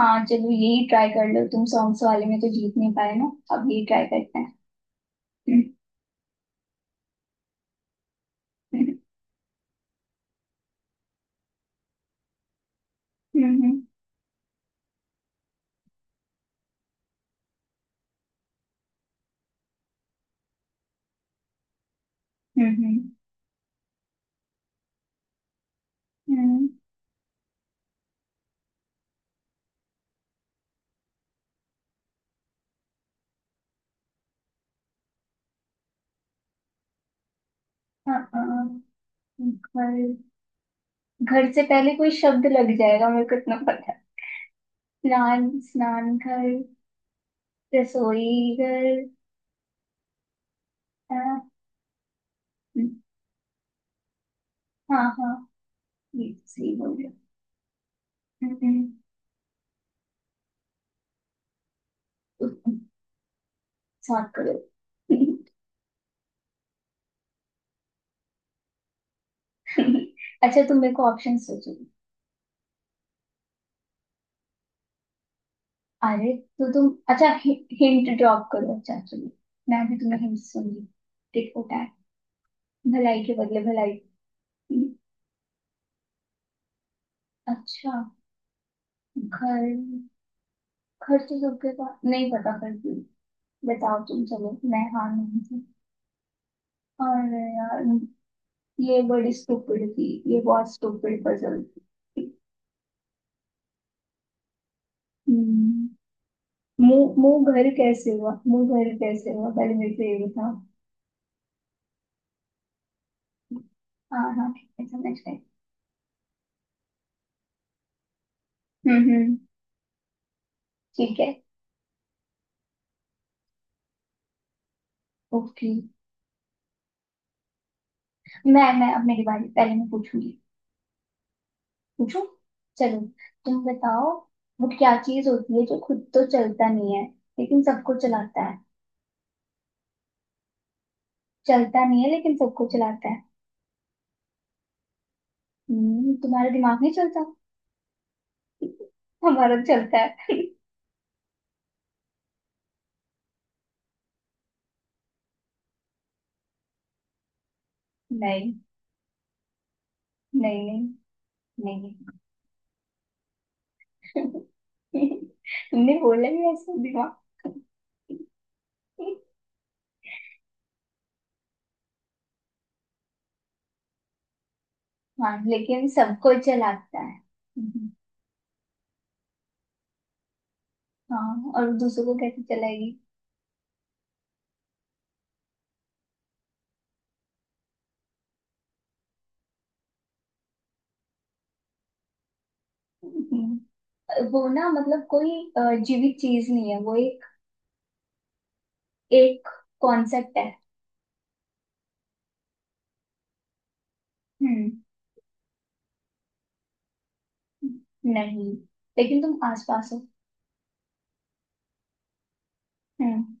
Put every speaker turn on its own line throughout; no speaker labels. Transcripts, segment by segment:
हाँ, चलो यही ट्राई कर लो। तुम सॉन्ग्स वाले में तो जीत नहीं पाए ना, अब यही ट्राई करते हैं। हम्म। हम्म। हम्म। हम्म, हाँ, हाँ, घर। घर से पहले कोई शब्द लग जाएगा, मेरे को इतना पता है। स्नान स्नान घर। रसोई घर। हाँ, हाँ, हाँ, ये तो सही बोल रहे हो। हम्म, हम्म, साफ करो। अच्छा, तुम मेरे को ऑप्शन सोचो। अरे, तो तुम... अच्छा, हिंट ड्रॉप करो। अच्छा, चलो, मैं भी तुम्हें हिंट सुनूंगी। टिट फॉर टैट, भलाई के बदले भलाई। अच्छा। घर। घर तो सबके पास नहीं, पता फिर भी। बताओ तुम, चलो, मैं हार नहीं थी। और यार, ये बड़ी स्टूपिड थी, ये बहुत स्टूपिड पजल थी। हम्म, मुंह, मुंह घर कैसे हुआ? मुंह घर कैसे हुआ? पहले मेरे को ये बताओ। हाँ, हाँ, ठीक है, समझ गए। हम्म। हम्म। ठीक है। ओके। मैं, अब मेरी बारी, पहले मैं पूछूंगी। पूछूं? चलो, तुम बताओ। वो क्या चीज होती है जो खुद तो चलता नहीं है लेकिन सबको चलाता है? चलता नहीं है लेकिन सबको चलाता है। हम्म? तुम्हारा दिमाग नहीं चलता, हमारा तो चलता है। नहीं। नहीं। नहीं। नहीं। तुमने बोला ही ऐसा, दिमाग। हाँ, लेकिन सबको चलाता है। हम्म, हाँ, और दूसरों को कैसे चलाएगी? हम्म, वो ना मतलब कोई जीवित चीज नहीं है वो, एक कॉन्सेप्ट है। हम्म। नहीं, लेकिन तुम आसपास हो। हम्म।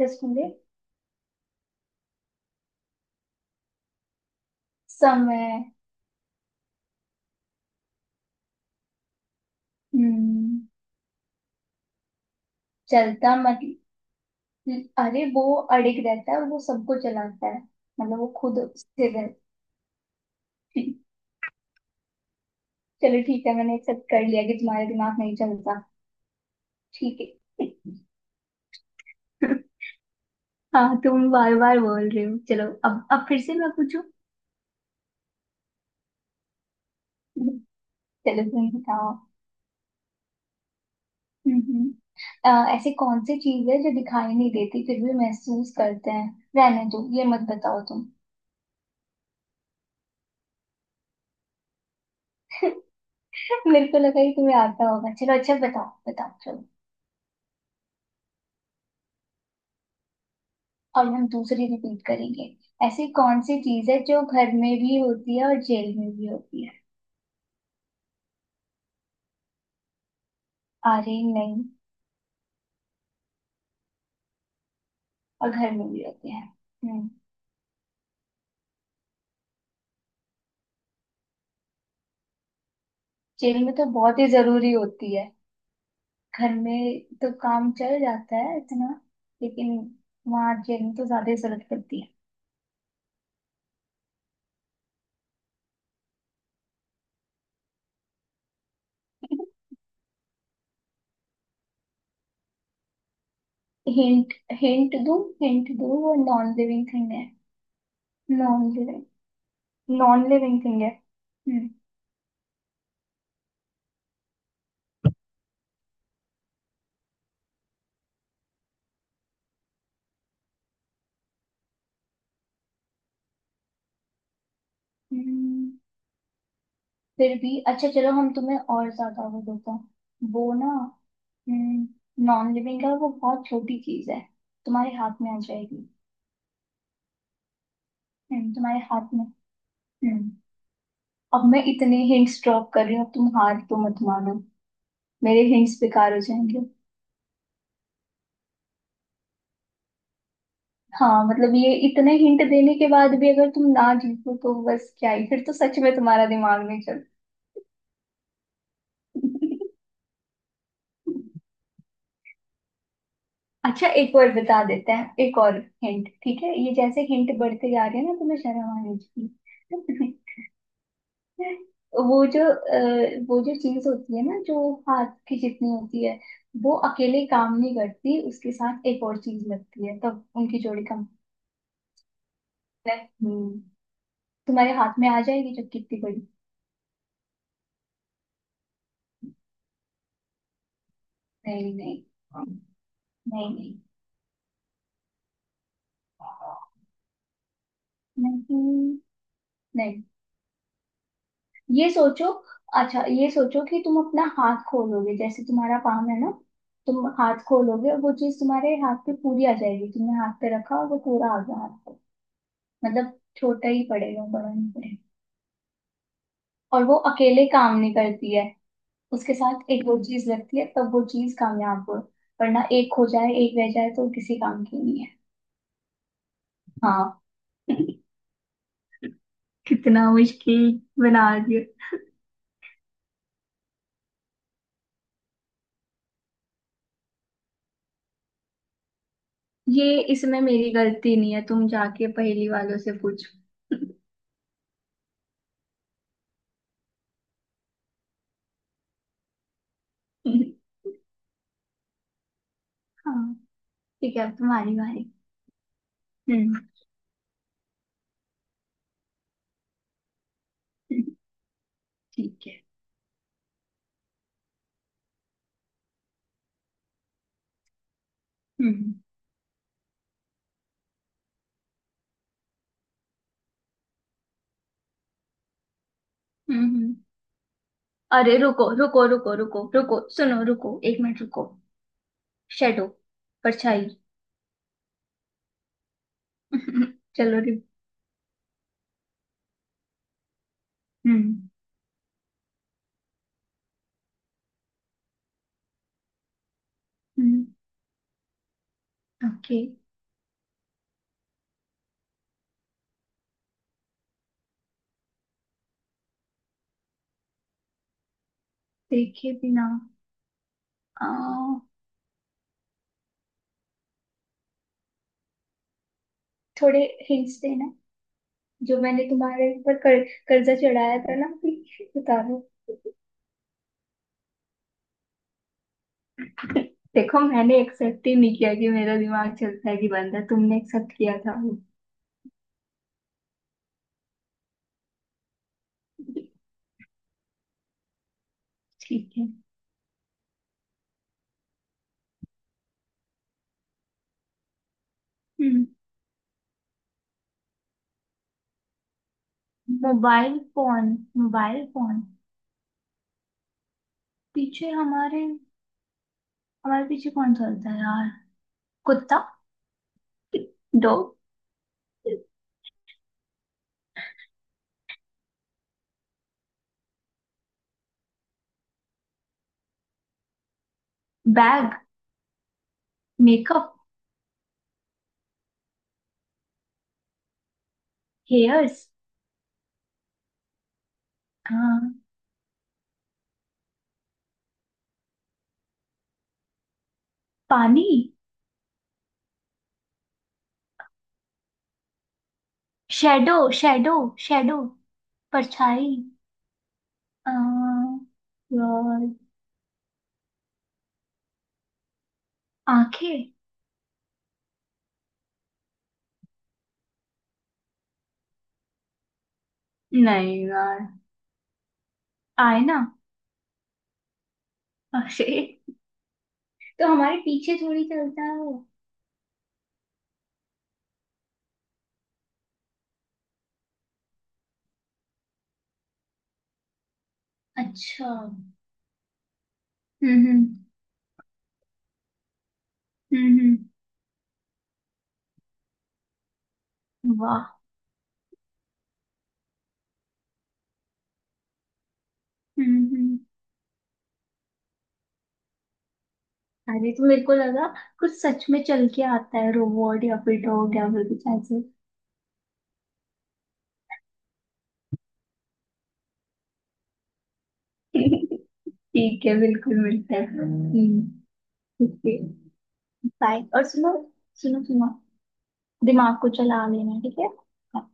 जस्ट मुझे... समय। हम्म। चलता मतलब... अरे, वो अड़िग रहता है, वो सबको चलाता है, मतलब वो खुद स्थिर है। ठीक। चलो, ठीक है, मैंने एक्सेप्ट कर लिया कि तुम्हारा दिमाग नहीं चलता। ठीक है। हाँ, तुम बार बार बोल रहे हो चलो। अब फिर से मैं पूछूं। चलो, तुम बताओ। हम्म। हम्म। अ, ऐसी कौन सी चीज है जो दिखाई नहीं देती फिर भी महसूस करते हैं? रहने दो, ये मत बताओ तुम। मेरे को लगा कि तुम्हें आता होगा, चलो, अच्छा, बताओ बताओ, चलो। और हम दूसरी रिपीट करेंगे। ऐसी कौन सी चीज है जो घर में भी होती है और जेल में भी होती है? अरे नहीं। और घर में भी होती है। हम्म। जेल में तो बहुत ही जरूरी होती है। घर में तो काम चल जाता है इतना, लेकिन वहाँ जेल में तो ज्यादा ही जरूरत पड़ती है। हिंट, हिंट दूं? हिंट दूं? वो नॉन लिविंग थिंग है। Non living, non living thing है। हम्म। हम्म, फिर भी अच्छा, चलो हम तुम्हें और ज्यादा वो देते हैं वो ना। नॉन लिविंग है, वो बहुत छोटी चीज है, तुम्हारे हाथ में आ जाएगी। तुम्हारे हाथ में। हम्म। अब मैं इतने हिंट्स ड्रॉप कर रही हूँ, अब तुम हार तो मत मानो, मेरे हिंट्स बेकार हो जाएंगे। हाँ मतलब, ये इतने हिंट देने के बाद भी अगर तुम ना जीतो तो बस, क्या ही फिर, तो सच में तुम्हारा दिमाग नहीं। अच्छा, एक और बता देते हैं, एक और हिंट, ठीक है। ये जैसे हिंट बढ़ते जा रहे हैं ना, तुम्हें शर्म आनी चाहिए। वो जो चीज होती है ना, जो हाथ की जितनी होती है, वो अकेले काम नहीं करती, उसके साथ एक और चीज लगती है, तब उनकी जोड़ी कम है। हम्म। तुम्हारे हाथ में आ जाएगी, जो कितनी बड़ी। नहीं, नहीं, नहीं, नहीं, नहीं, नहीं। ये सोचो। अच्छा, ये सोचो कि तुम अपना हाथ खोलोगे, जैसे तुम्हारा पाम है ना। तुम हाथ खोलोगे और वो चीज तुम्हारे हाथ पे पूरी आ जाएगी। तुमने हाथ पे रखा और वो पूरा आ गया हाथ पे। मतलब छोटा ही पड़ेगा, बड़ा नहीं पड़ेगा। और वो अकेले काम नहीं करती है, उसके साथ एक वो चीज लगती है, तब वो चीज कामयाब हो। वरना एक हो जाए, एक रह जाए तो किसी काम की नहीं है। हाँ। कितना मुश्किल बना दिया ये! इसमें मेरी गलती नहीं है, तुम जाके पहेली वालों से पूछो। हाँ, ठीक है, अब तुम्हारी बारी। हम्म। ठीक है। हम्म। हम्म। हम्म। अरे रुको, रुको, रुको, रुको, रुको, सुनो, रुको, एक मिनट रुको। शेडो। परछाई। चलो रे। हम्म। हम्म। ओके। देखे बिना... आ, थोड़े हिंट्स देना, जो मैंने तुम्हारे ऊपर कर्जा चढ़ाया था ना, प्लीज बता दो। देखो, मैंने एक्सेप्ट ही नहीं किया कि मेरा दिमाग चलता है कि बंद है, तुमने एक्सेप्ट किया था। ठीक है। हम्म। Mobile phone. Mobile phone. पीछे हमारे, हमारे पीछे कौन चलता है यार? कुत्ता। डॉग। बैग। मेकअप। हेयर्स। हाँ, पानी। शेडो। शेडो। शेडो। परछाई। अ, यार, आंखें। नहीं यार, आईना। अरे, तो हमारे पीछे थोड़ी चलता है वो। अच्छा। हम्म। हम्म। हम्म। वाह। हम्म। हम्म। अरे, तो मेरे को लगा कुछ सच में चल के आता है, रोबोट या फिर डॉग या फिर कुछ ऐसे। ठीक है, बिल्कुल मिलता है। हम्म। ठीक है, बाय। और सुनो, सुनो, सुनो, दिमाग को चला लेना, ठीक है।